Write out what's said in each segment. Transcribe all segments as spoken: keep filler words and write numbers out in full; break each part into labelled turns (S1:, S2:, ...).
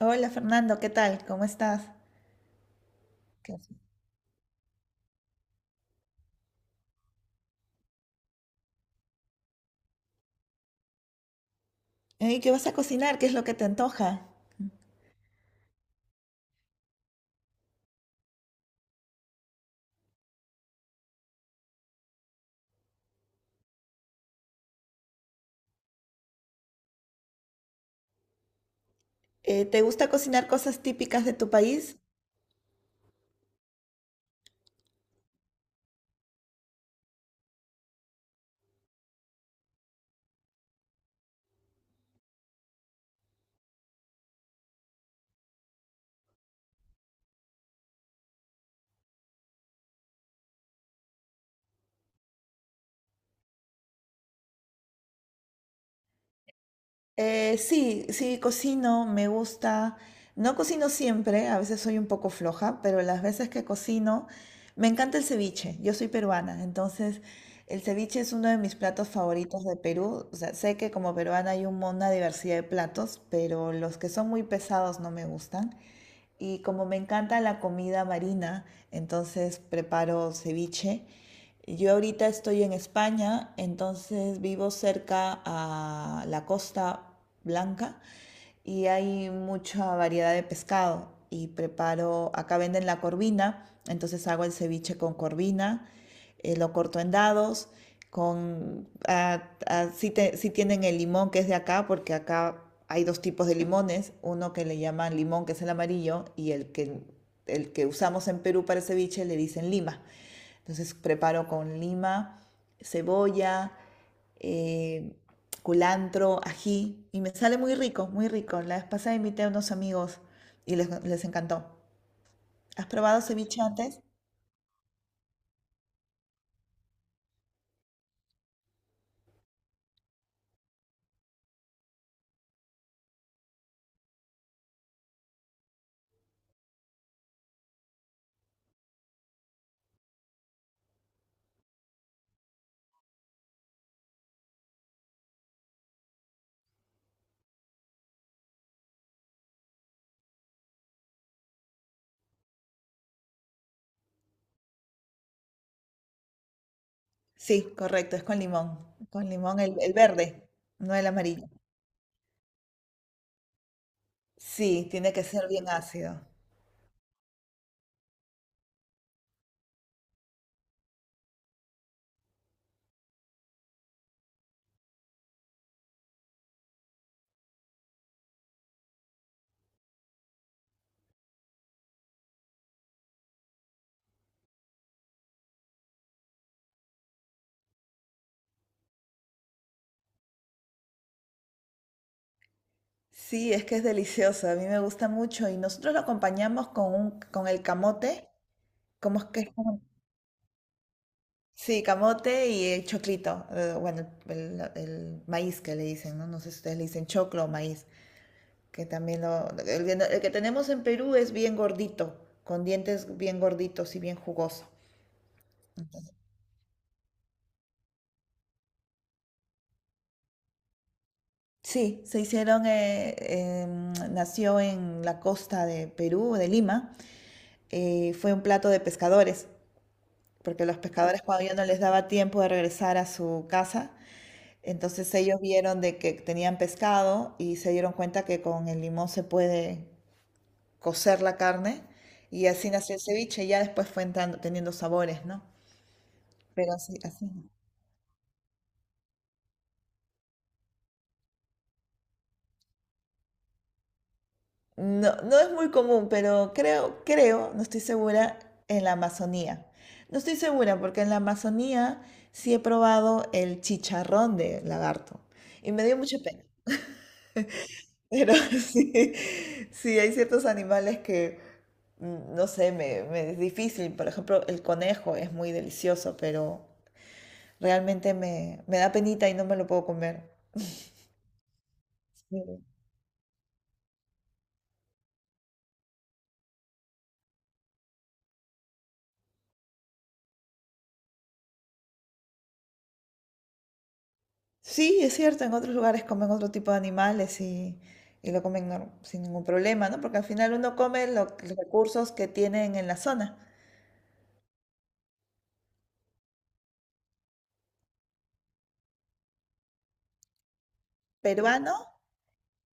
S1: Hola Fernando, ¿qué tal? ¿Cómo estás? ¿Qué haces? Ey, ¿qué vas a cocinar? ¿Qué es lo que te antoja? Eh, ¿te gusta cocinar cosas típicas de tu país? Eh, sí, sí, cocino, me gusta. No cocino siempre, a veces soy un poco floja, pero las veces que cocino, me encanta el ceviche. Yo soy peruana, entonces el ceviche es uno de mis platos favoritos de Perú. O sea, sé que como peruana hay un mon- una diversidad de platos, pero los que son muy pesados no me gustan. Y como me encanta la comida marina, entonces preparo ceviche. Yo ahorita estoy en España, entonces vivo cerca a la Costa Blanca y hay mucha variedad de pescado. Y preparo, acá venden la corvina, entonces hago el ceviche con corvina, eh, lo corto en dados, con, ah, ah, sí, te- sí tienen el limón que es de acá, porque acá hay dos tipos de limones, uno que le llaman limón, que es el amarillo, y el que, el que usamos en Perú para el ceviche le dicen lima. Entonces preparo con lima, cebolla, eh, culantro, ají, y me sale muy rico, muy rico. La vez pasada invité a unos amigos y les, les encantó. ¿Has probado ceviche antes? Sí, correcto, es con limón. Con limón, el, el verde, no el amarillo. Sí, tiene que ser bien ácido. Sí, es que es delicioso, a mí me gusta mucho y nosotros lo acompañamos con un, con el camote, ¿cómo es que es? Como- Sí, camote y el choclito, eh, bueno, el, el- maíz que le dicen, ¿no? No sé si ustedes le dicen choclo o maíz, que también lo, el, que el que tenemos en Perú es bien gordito, con dientes bien gorditos y bien jugoso. Sí, se hicieron, eh, em, nació en la costa de Perú, de Lima. Eh, fue un plato de pescadores, porque los pescadores cuando ya no les daba tiempo de regresar a su casa, entonces ellos vieron de que tenían pescado y se dieron cuenta que con el limón se puede cocer la carne, y así nació el ceviche. Ya después fue entrando- teniendo sabores, ¿no? Pero así, así. No, no es muy común, pero creo, creo, no estoy segura, en la Amazonía. No estoy segura porque en la Amazonía sí he probado el chicharrón de lagarto y me dio mucha pena. Pero sí, sí, hay ciertos animales que, mm, no sé, me, me es difícil. Por ejemplo, el conejo es muy delicioso, pero realmente me, me da penita y no me lo puedo comer. Sí. Sí, es cierto, en otros lugares comen otro tipo de animales y, y lo comen nor- sin ningún problema, ¿no? Porque al final uno come lo- los recursos que tienen en la zona. Peruano,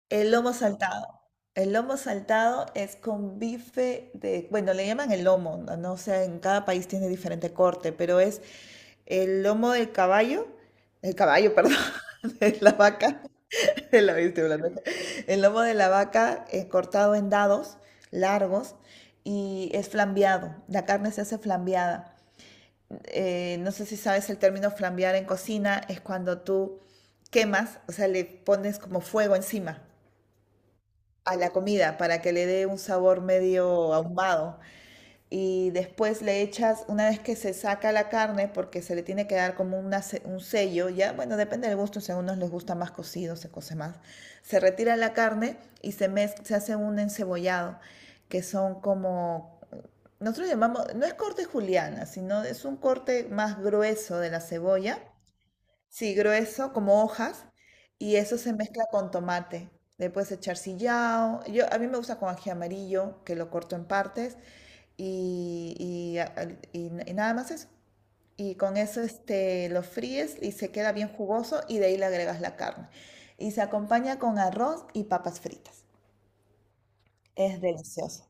S1: el lomo saltado. El lomo saltado es con bife de, bueno, le llaman el lomo, no. No sé, en cada país tiene diferente corte, pero es el lomo del caballo, el caballo, perdón, de la vaca, El lomito de El lomo de la vaca es cortado en dados largos y es flambeado. La carne se hace flambeada. Eh, no sé si sabes el término flambear en cocina, es cuando tú quemas, o sea, le pones como fuego encima a la comida para que le dé un sabor medio ahumado, y después le echas, una vez que se saca la carne, porque se le tiene que dar como una un sello, ya, bueno, depende del gusto, si a unos les gusta más cocido, se cose más, se retira la carne y se, mez- se hace un encebollado, que son como, nosotros llamamos, no es corte juliana, sino es un corte más grueso de la cebolla. Sí, grueso, como hojas, y eso se mezcla con tomate. Le puedes echar sillao. Yo, a mí me gusta con ají amarillo, que lo corto en partes, y, y, a- al- y n- y nada más eso. Y con eso este, lo fríes y se queda bien jugoso, y de ahí le agregas la carne. Y se acompaña con arroz y papas fritas. Es delicioso.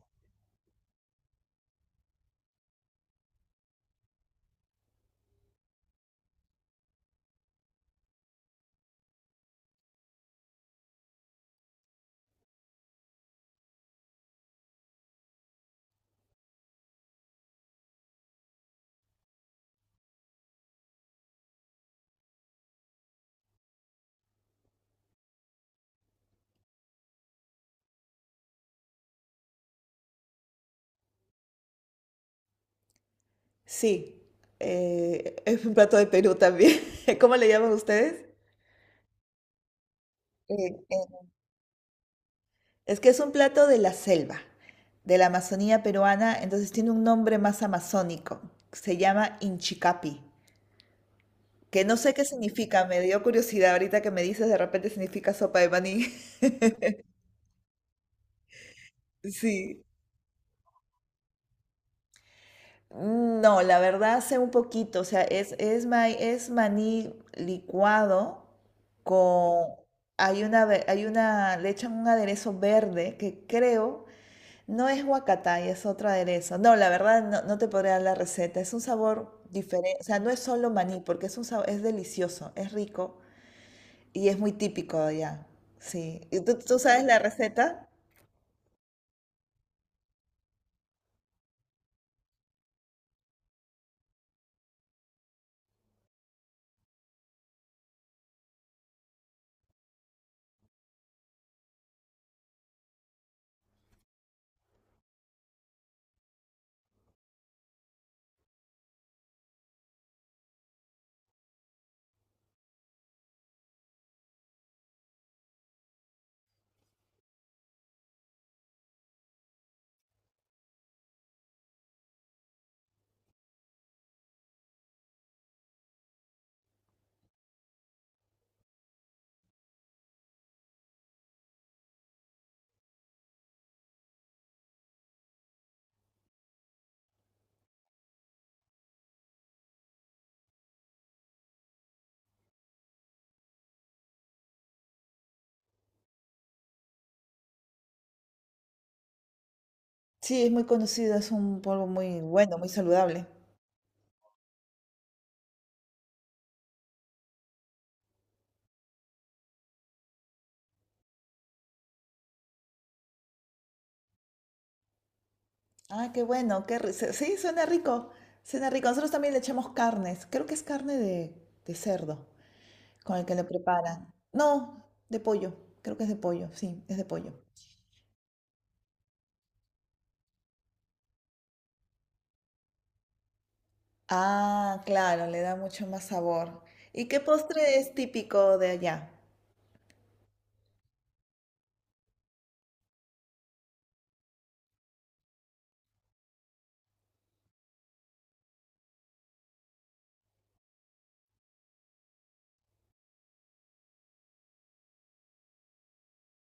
S1: Sí, eh, es un plato de Perú también. ¿Cómo le llaman ustedes? Es que es un plato de la selva, de la Amazonía peruana, entonces tiene un nombre más amazónico. Se llama Inchicapi, que no sé qué significa, me dio curiosidad ahorita que me dices, de repente significa sopa de maní. Sí. No, la verdad sé un poquito, o sea, es, es, ma- es maní licuado con... Hay una, ve- hay una, le echan un aderezo verde que creo no es huacatay, es otra aderezo. No, la verdad no, no te podría dar la receta. Es un sabor diferente, o sea, no es solo maní, porque es un sabor, es delicioso, es rico y es muy típico de allá. Sí. ¿Y tú, tú sabes la receta? Sí, es muy conocido, es un polvo muy bueno, muy saludable. Ah, qué bueno, qué ri- se- sí, suena rico, suena rico. Nosotros también le echamos carnes, creo que es carne de, de cerdo con el que le preparan. No, de pollo, creo que es de pollo, sí, es de pollo. Ah, claro, le da mucho más sabor. ¿Y qué postre es típico de allá?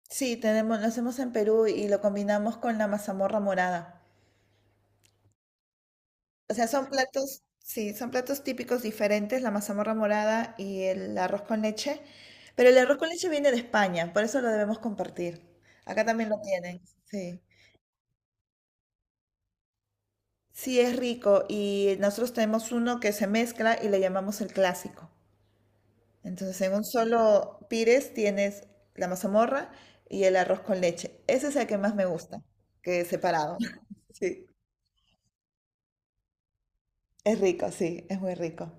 S1: Sí, tenemos, lo hacemos en Perú y lo combinamos con la mazamorra morada. O sea, son platos, sí, son platos típicos diferentes, la mazamorra morada y el arroz con leche. Pero el arroz con leche viene de España, por eso lo debemos compartir. Acá también lo tienen, sí. Sí, es rico y nosotros tenemos uno que se mezcla y le llamamos el clásico. Entonces, en un solo pires tienes la mazamorra y el arroz con leche. Ese es el que más me gusta, que es separado. Sí, es rico, sí, es muy rico.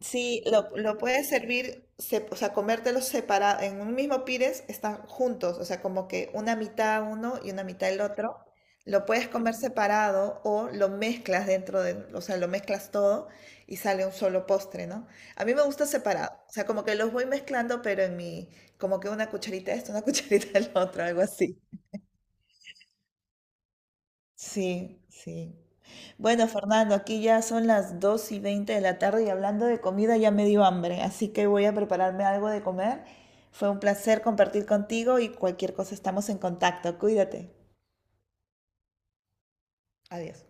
S1: Sí, lo, lo puedes servir, se- o sea, comértelos separados, en un mismo pires están juntos, o sea, como que una mitad uno y una mitad el otro. Lo puedes comer separado o lo mezclas dentro de, o sea, lo mezclas todo y sale un solo postre, ¿no? A mí me gusta separado, o sea, como que los voy mezclando, pero en mi, como que una cucharita de esto, una cucharita del otro, algo así. Sí, sí. Bueno, Fernando, aquí ya son las dos y veinte de la tarde y hablando de comida ya me dio hambre, así que voy a prepararme algo de comer. Fue un placer compartir contigo y cualquier cosa estamos en contacto. Cuídate. Adiós.